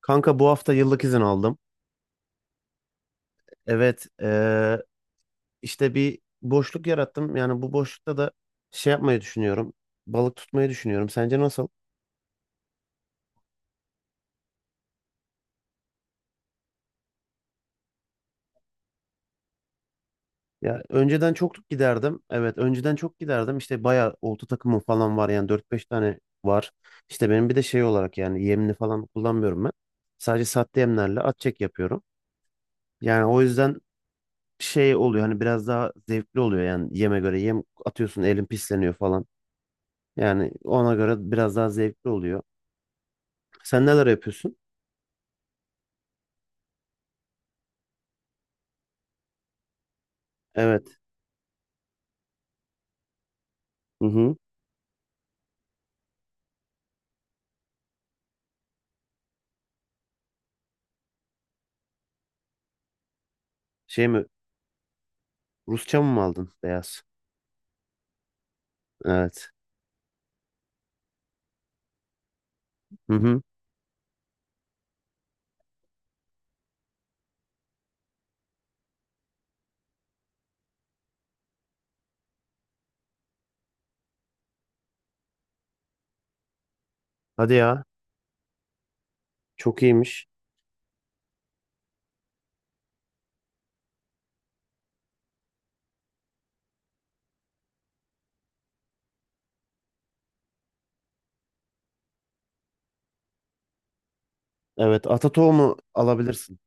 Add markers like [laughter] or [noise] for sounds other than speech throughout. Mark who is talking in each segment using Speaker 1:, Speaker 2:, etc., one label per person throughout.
Speaker 1: Kanka bu hafta yıllık izin aldım. Evet, işte bir boşluk yarattım. Yani bu boşlukta da şey yapmayı düşünüyorum. Balık tutmayı düşünüyorum. Sence nasıl? Ya önceden çok giderdim. Evet, önceden çok giderdim. İşte bayağı olta takımım falan var. Yani dört beş tane var. İşte benim bir de şey olarak yani yemini falan kullanmıyorum ben. Sadece sahte yemlerle at çek yapıyorum. Yani o yüzden şey oluyor hani biraz daha zevkli oluyor yani yeme göre yem atıyorsun elin pisleniyor falan. Yani ona göre biraz daha zevkli oluyor. Sen neler yapıyorsun? Evet. Hı hı. Şey mi? Rusça mı aldın? Beyaz. Evet. Hı hı. Hadi ya. Çok iyiymiş. Evet. Ata tohumu alabilirsin.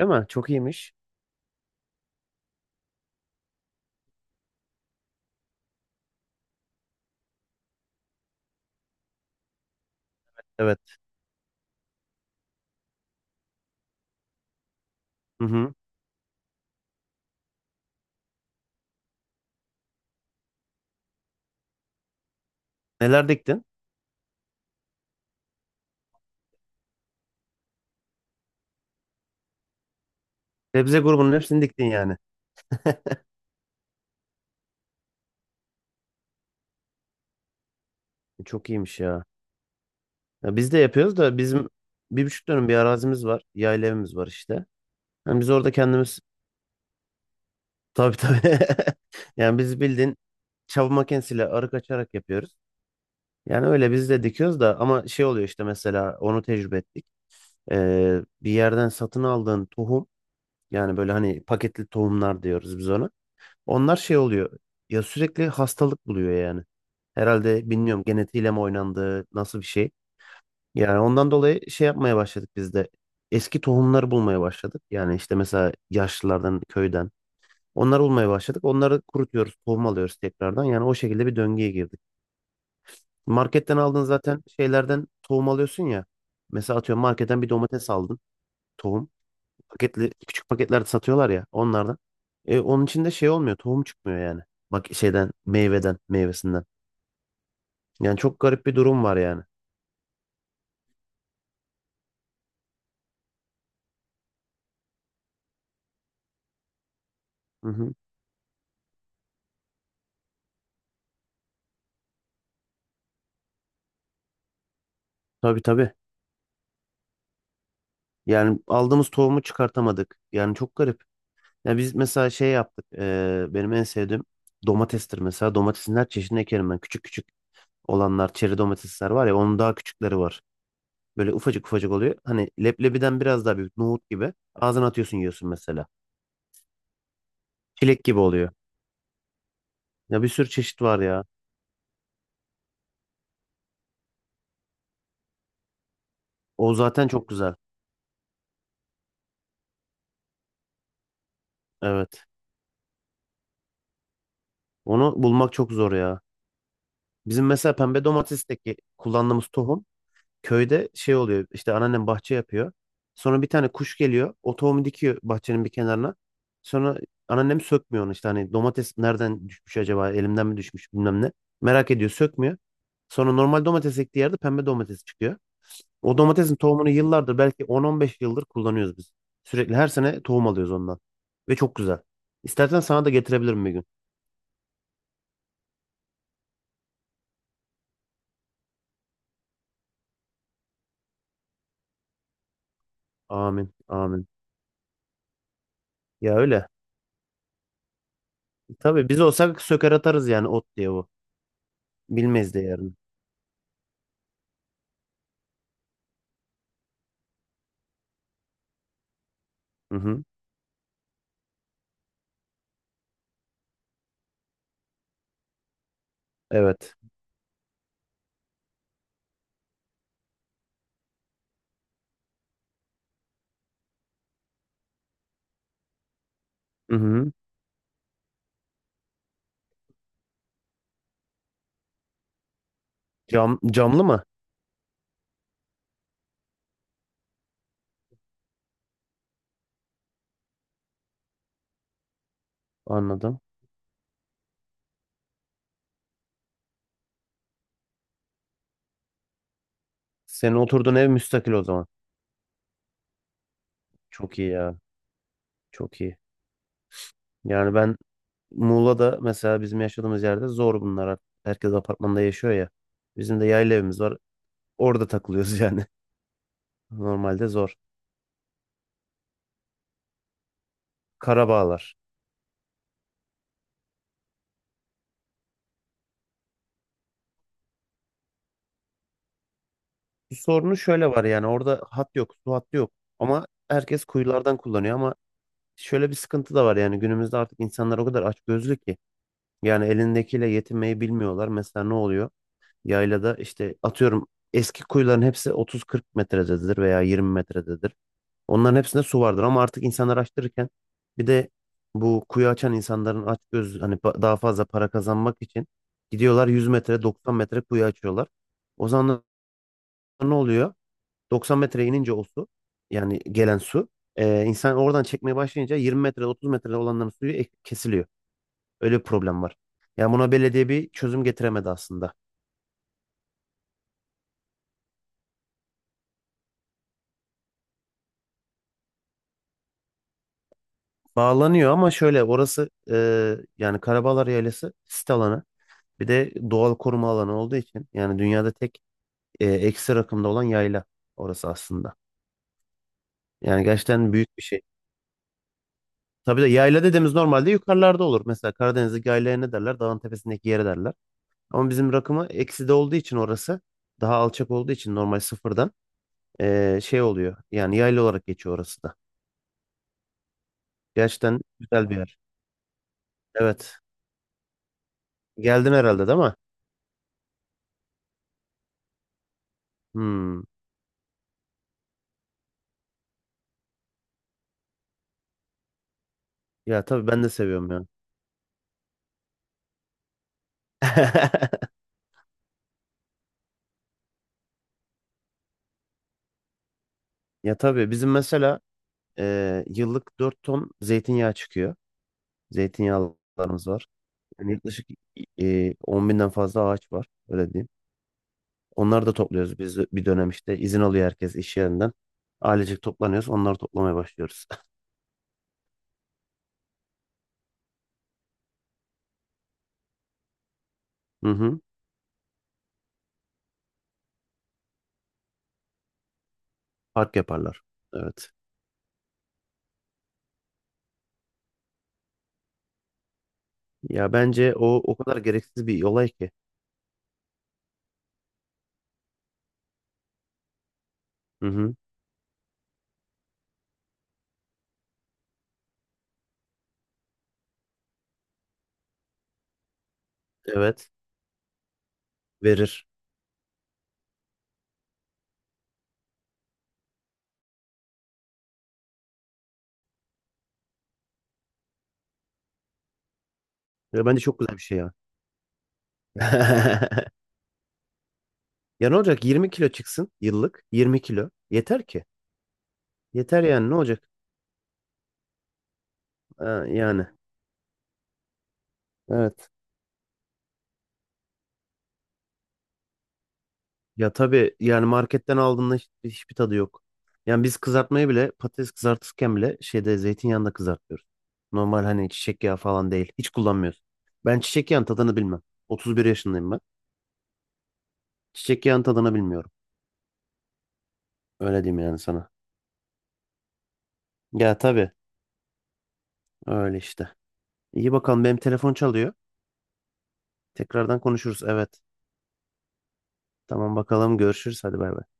Speaker 1: Değil mi? Çok iyiymiş. Evet. Hı hı. Neler diktin? Sebze grubunun hepsini diktin yani. Çok iyiymiş ya. Ya biz de yapıyoruz da bizim 1,5 dönüm bir arazimiz var. Yayla evimiz var işte. Yani biz orada kendimiz tabii tabii. [laughs] Yani biz bildiğin çapa makinesiyle arık açarak yapıyoruz. Yani öyle biz de dikiyoruz da ama şey oluyor işte mesela onu tecrübe ettik. Bir yerden satın aldığın tohum yani böyle hani paketli tohumlar diyoruz biz ona. Onlar şey oluyor ya sürekli hastalık buluyor yani. Herhalde bilmiyorum genetiğiyle mi oynandı nasıl bir şey. Yani ondan dolayı şey yapmaya başladık biz de. Eski tohumları bulmaya başladık. Yani işte mesela yaşlılardan, köyden. Onları bulmaya başladık. Onları kurutuyoruz, tohum alıyoruz tekrardan. Yani o şekilde bir döngüye girdik. Marketten aldığın zaten şeylerden tohum alıyorsun ya. Mesela atıyorum marketten bir domates aldın tohum. Paketli küçük paketlerde satıyorlar ya onlardan. Onun içinde şey olmuyor tohum çıkmıyor yani. Bak şeyden meyveden meyvesinden. Yani çok garip bir durum var yani. Hı hı. Tabii tabii. Yani aldığımız tohumu çıkartamadık. Yani çok garip. Ya biz mesela şey yaptık. Benim en sevdiğim domatestir mesela. Domatesin her çeşidini ekerim ben. Küçük küçük olanlar çeri domatesler var ya onun daha küçükleri var. Böyle ufacık ufacık oluyor. Hani leblebiden biraz daha büyük nohut gibi. Ağzına atıyorsun yiyorsun mesela. Çilek gibi oluyor. Ya bir sürü çeşit var ya. O zaten çok güzel. Evet. Onu bulmak çok zor ya. Bizim mesela pembe domatesteki kullandığımız tohum köyde şey oluyor. İşte anneannem bahçe yapıyor. Sonra bir tane kuş geliyor. O tohumu dikiyor bahçenin bir kenarına. Sonra anneannem sökmüyor onu işte. Hani domates nereden düşmüş acaba? Elimden mi düşmüş bilmem ne. Merak ediyor sökmüyor. Sonra normal domates ektiği yerde pembe domates çıkıyor. O domatesin tohumunu yıllardır belki 10-15 yıldır kullanıyoruz biz. Sürekli her sene tohum alıyoruz ondan. Ve çok güzel. İstersen sana da getirebilirim bir gün. Amin. Amin. Ya öyle. Tabii biz olsak söker atarız yani ot diye bu. Bilmeyiz de. Hı hı. Evet. Hı hı. Cam, camlı mı? Anladım. Senin oturduğun ev müstakil o zaman. Çok iyi ya. Çok iyi. Yani ben Muğla'da mesela bizim yaşadığımız yerde zor bunlar artık. Herkes apartmanda yaşıyor ya. Bizim de yayla evimiz var. Orada takılıyoruz yani. [laughs] Normalde zor. Karabağlar. Bu sorunu şöyle var yani orada hat yok, su hattı yok. Ama herkes kuyulardan kullanıyor ama şöyle bir sıkıntı da var yani günümüzde artık insanlar o kadar açgözlü ki yani elindekiyle yetinmeyi bilmiyorlar. Mesela ne oluyor? Yaylada işte atıyorum eski kuyuların hepsi 30-40 metrededir veya 20 metrededir. Onların hepsinde su vardır ama artık insanlar açtırırken bir de bu kuyu açan insanların açgöz hani daha fazla para kazanmak için gidiyorlar 100 metre 90 metre kuyu açıyorlar. O zaman ne oluyor? 90 metreye inince o su yani gelen su insan oradan çekmeye başlayınca 20 metre 30 metrede olanların suyu kesiliyor. Öyle bir problem var. Yani buna belediye bir çözüm getiremedi aslında. Bağlanıyor ama şöyle orası yani Karabağlar Yaylası sit alanı bir de doğal koruma alanı olduğu için yani dünyada tek eksi rakımda olan yayla orası aslında. Yani gerçekten büyük bir şey. Tabii de yayla dediğimiz normalde yukarılarda olur. Mesela Karadeniz'deki yaylaya ne derler? Dağın tepesindeki yere derler. Ama bizim rakımı eksi de olduğu için orası daha alçak olduğu için normal sıfırdan şey oluyor. Yani yaylı olarak geçiyor orası da. Gerçekten güzel bir yer. Evet. Geldin herhalde değil mi? Hmm. Ya tabii ben de seviyorum ya. [laughs] Ya tabii bizim mesela yıllık 4 ton zeytinyağı çıkıyor. Zeytinyağlarımız var. Yani yaklaşık 10 binden fazla ağaç var. Öyle diyeyim. Onları da topluyoruz biz bir dönem işte. İzin alıyor herkes iş yerinden. Ailecek toplanıyoruz. Onları toplamaya başlıyoruz. [laughs] Hı hı. Park yaparlar. Evet. Ya bence o o kadar gereksiz bir olay ki. Hı hı. Evet. Verir. Ya bence çok güzel bir şey ya. [laughs] Ya ne olacak? 20 kilo çıksın yıllık. 20 kilo. Yeter ki. Yeter yani ne olacak? Ha, yani. Evet. Ya tabii yani marketten aldığında hiçbir tadı yok. Yani biz kızartmayı bile patates kızartırken bile şeyde zeytinyağında kızartıyoruz. Normal hani çiçek yağı falan değil. Hiç kullanmıyoruz. Ben çiçek yağının tadını bilmem. 31 yaşındayım ben. Çiçek yağının tadını bilmiyorum. Öyle diyeyim yani sana. Ya tabii öyle işte. İyi bakalım benim telefon çalıyor. Tekrardan konuşuruz. Evet. Tamam bakalım görüşürüz. Hadi bay bay.